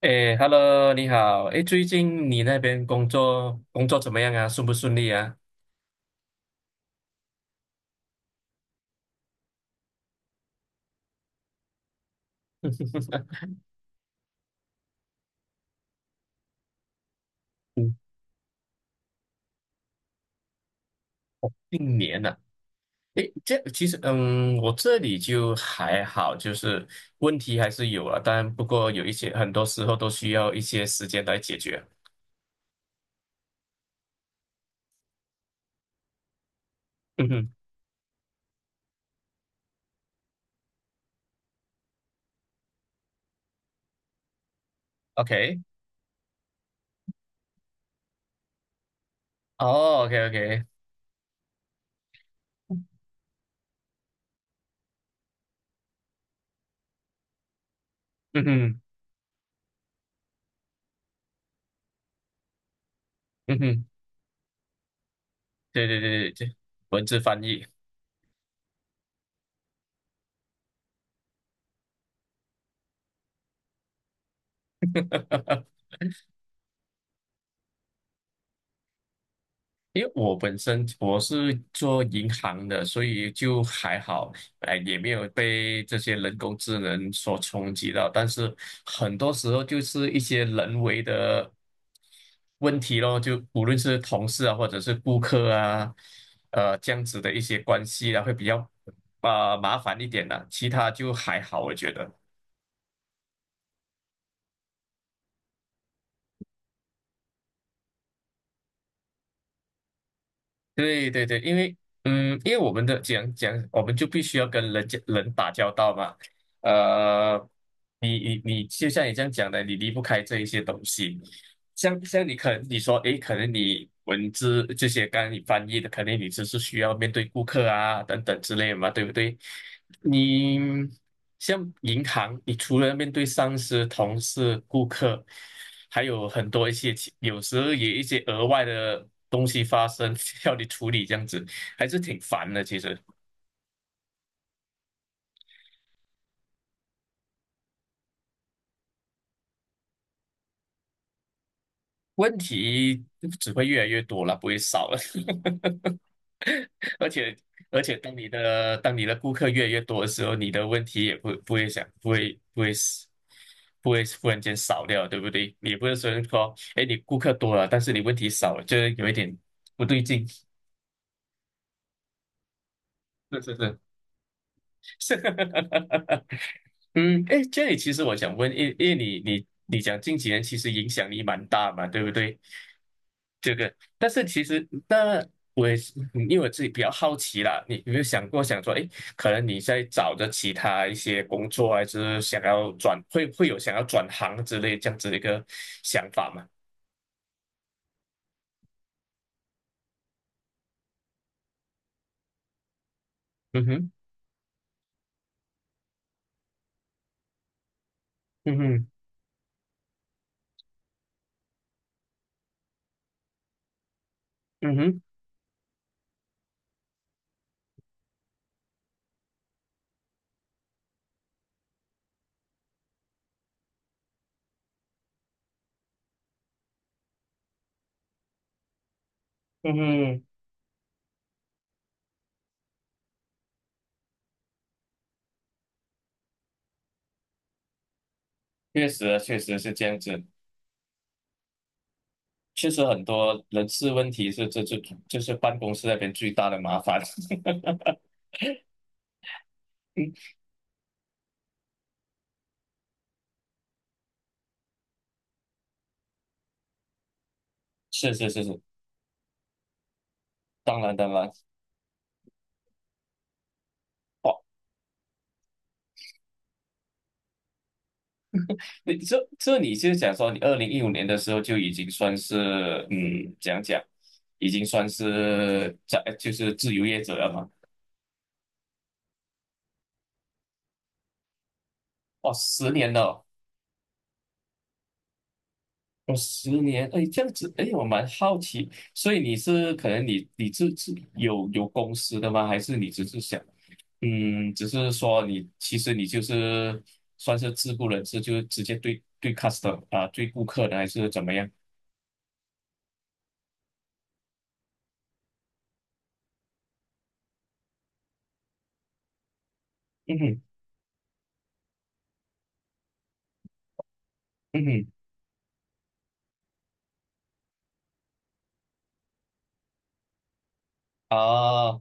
哎，Hello，你好。哎，最近你那边工作怎么样啊？顺不顺利啊？嗯，近年了、啊哎，这其实，我这里就还好，就是问题还是有啊，但不过有一些很多时候都需要一些时间来解决。嗯哼，OK，哦，OK，OK，嗯哼，嗯哼，对对对对对，文字翻译。因为我本身我是做银行的，所以就还好，哎，也没有被这些人工智能所冲击到。但是很多时候就是一些人为的问题咯，就无论是同事啊，或者是顾客啊，这样子的一些关系啊，会比较啊、麻烦一点的、其他就还好，我觉得。对对对，因为我们的讲讲，我们就必须要跟人家人打交道嘛。呃，你，就像你这样讲的，你离不开这一些东西。像你说，诶，可能你文字这些，刚刚你翻译的，可能你只是需要面对顾客啊等等之类的嘛，对不对？你像银行，你除了面对上司、同事、顾客，还有很多一些有时候也一些额外的东西发生，要你处理，这样子还是挺烦的。其实问题只会越来越多了，不会少了。而且而且，当你的顾客越来越多的时候，你的问题也不不会想不会不会死不会忽然间少掉，对不对？你不是说，哎，你顾客多了，但是你问题少了，就是有一点不对劲。是是是，是，嗯，哎，这里其实我想问，因为你讲近几年其实影响力蛮大嘛，对不对？这个，但是其实那我也是，因为我自己比较好奇啦，你有没有想过想说，哎，可能你在找着其他一些工作，还是想要转，会有想要转行之类这样子的一个想法吗？嗯哼，嗯哼，嗯哼，嗯哼，确实啊确实是这样子。确实很多人事问题是这就是办公室那边最大的麻烦。是是是是，当然当然。哇，你这你是讲说你2015年的时候就已经算是怎样讲，已经算是在就是自由业者了嘛？哇，十年了哦，哦十年，哎，这样子，哎，我蛮好奇，所以你是可能你自有公司的吗？还是你只是想只是说你其实你就是算是自雇人士，就是直接对 customer 啊，对顾客的还是怎么样？嗯哼，嗯哼，啊，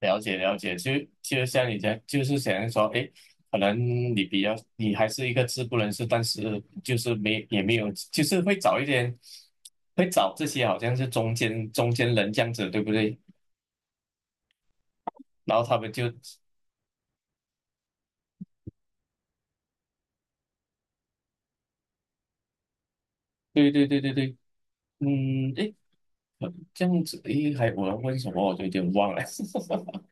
了解了解，就像你讲，就是想说，诶，可能你比较你还是一个自雇人士，但是就是没也没有，就是会找一点，会找这些好像是中间人这样子，对不对？然后他们就，对对对对对，嗯，诶，这样子，诶，还我要问什么，我就有点忘了。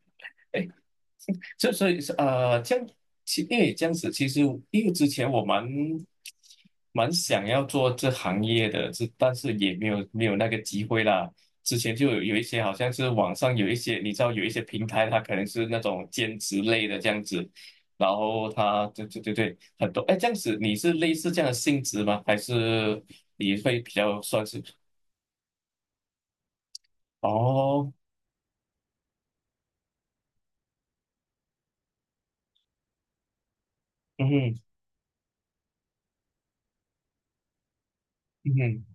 就所以是这样因为这样子，其实因为之前我蛮想要做这行业的，这但是也没有那个机会啦。之前就有一些好像是网上有一些，你知道有一些平台，它可能是那种兼职类的这样子，然后它对对对对很多哎这样子，你是类似这样的性质吗？还是你会比较算是哦嗯哼嗯哼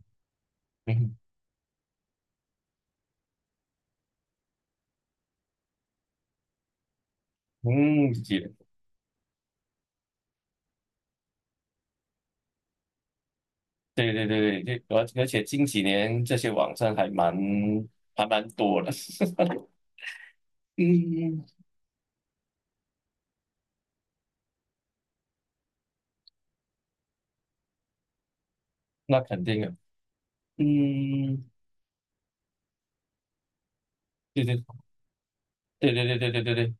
嗯哼嗯，对对对对，而且近几年这些网站还蛮多的，嗯，那肯定的，嗯，对对对对对对对对对，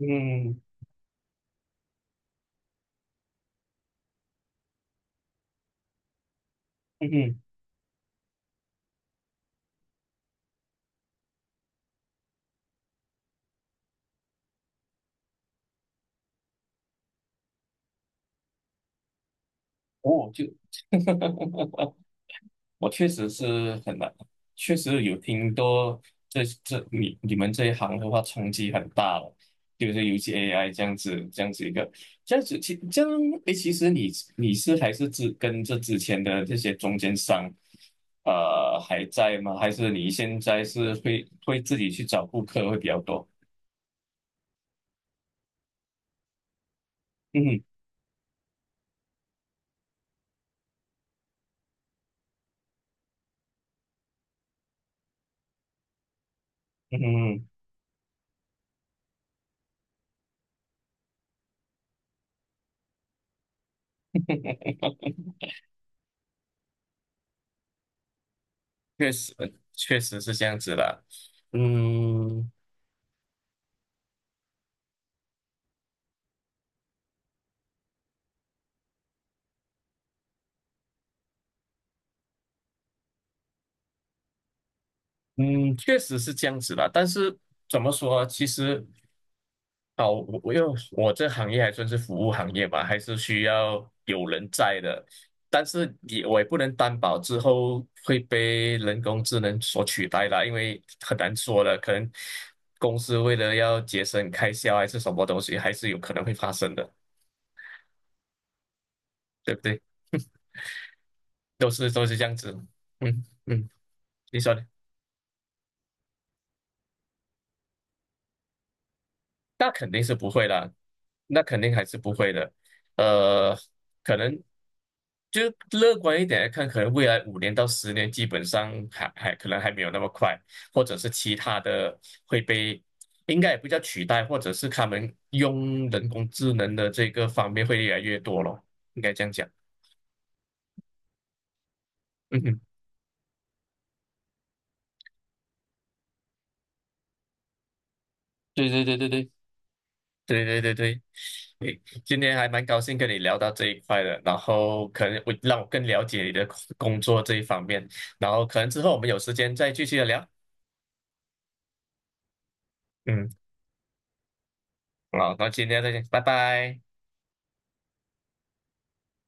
嗯嗯嗯，哦，就 我确实是很难，确实有听多这你们这一行的话冲击很大了，就是尤其 AI 这样子一个这样子这样诶，其实你你是还是只跟这之前的这些中间商，还在吗？还是你现在是会自己去找顾客会比较多？嗯嗯 确实确实是这样子啦，嗯。嗯，确实是这样子啦。但是怎么说啊，其实哦，我这行业还算是服务行业吧，还是需要有人在的。但是我也不能担保之后会被人工智能所取代啦，因为很难说的。可能公司为了要节省开销还是什么东西，还是有可能会发生的，对不对？都是这样子。嗯嗯，你说呢？那肯定是不会啦，那肯定还是不会的。呃，可能就乐观一点来看，可能未来5年到10年，基本上还可能还没有那么快，或者是其他的会被，应该也不叫取代，或者是他们用人工智能的这个方面会越来越多咯，应该这样讲。嗯哼，对对对对对。对对对对。诶，今天还蛮高兴跟你聊到这一块的，然后可能我让我更了解你的工作这一方面，然后可能之后我们有时间再继续的聊。嗯，好，那今天再见，拜拜。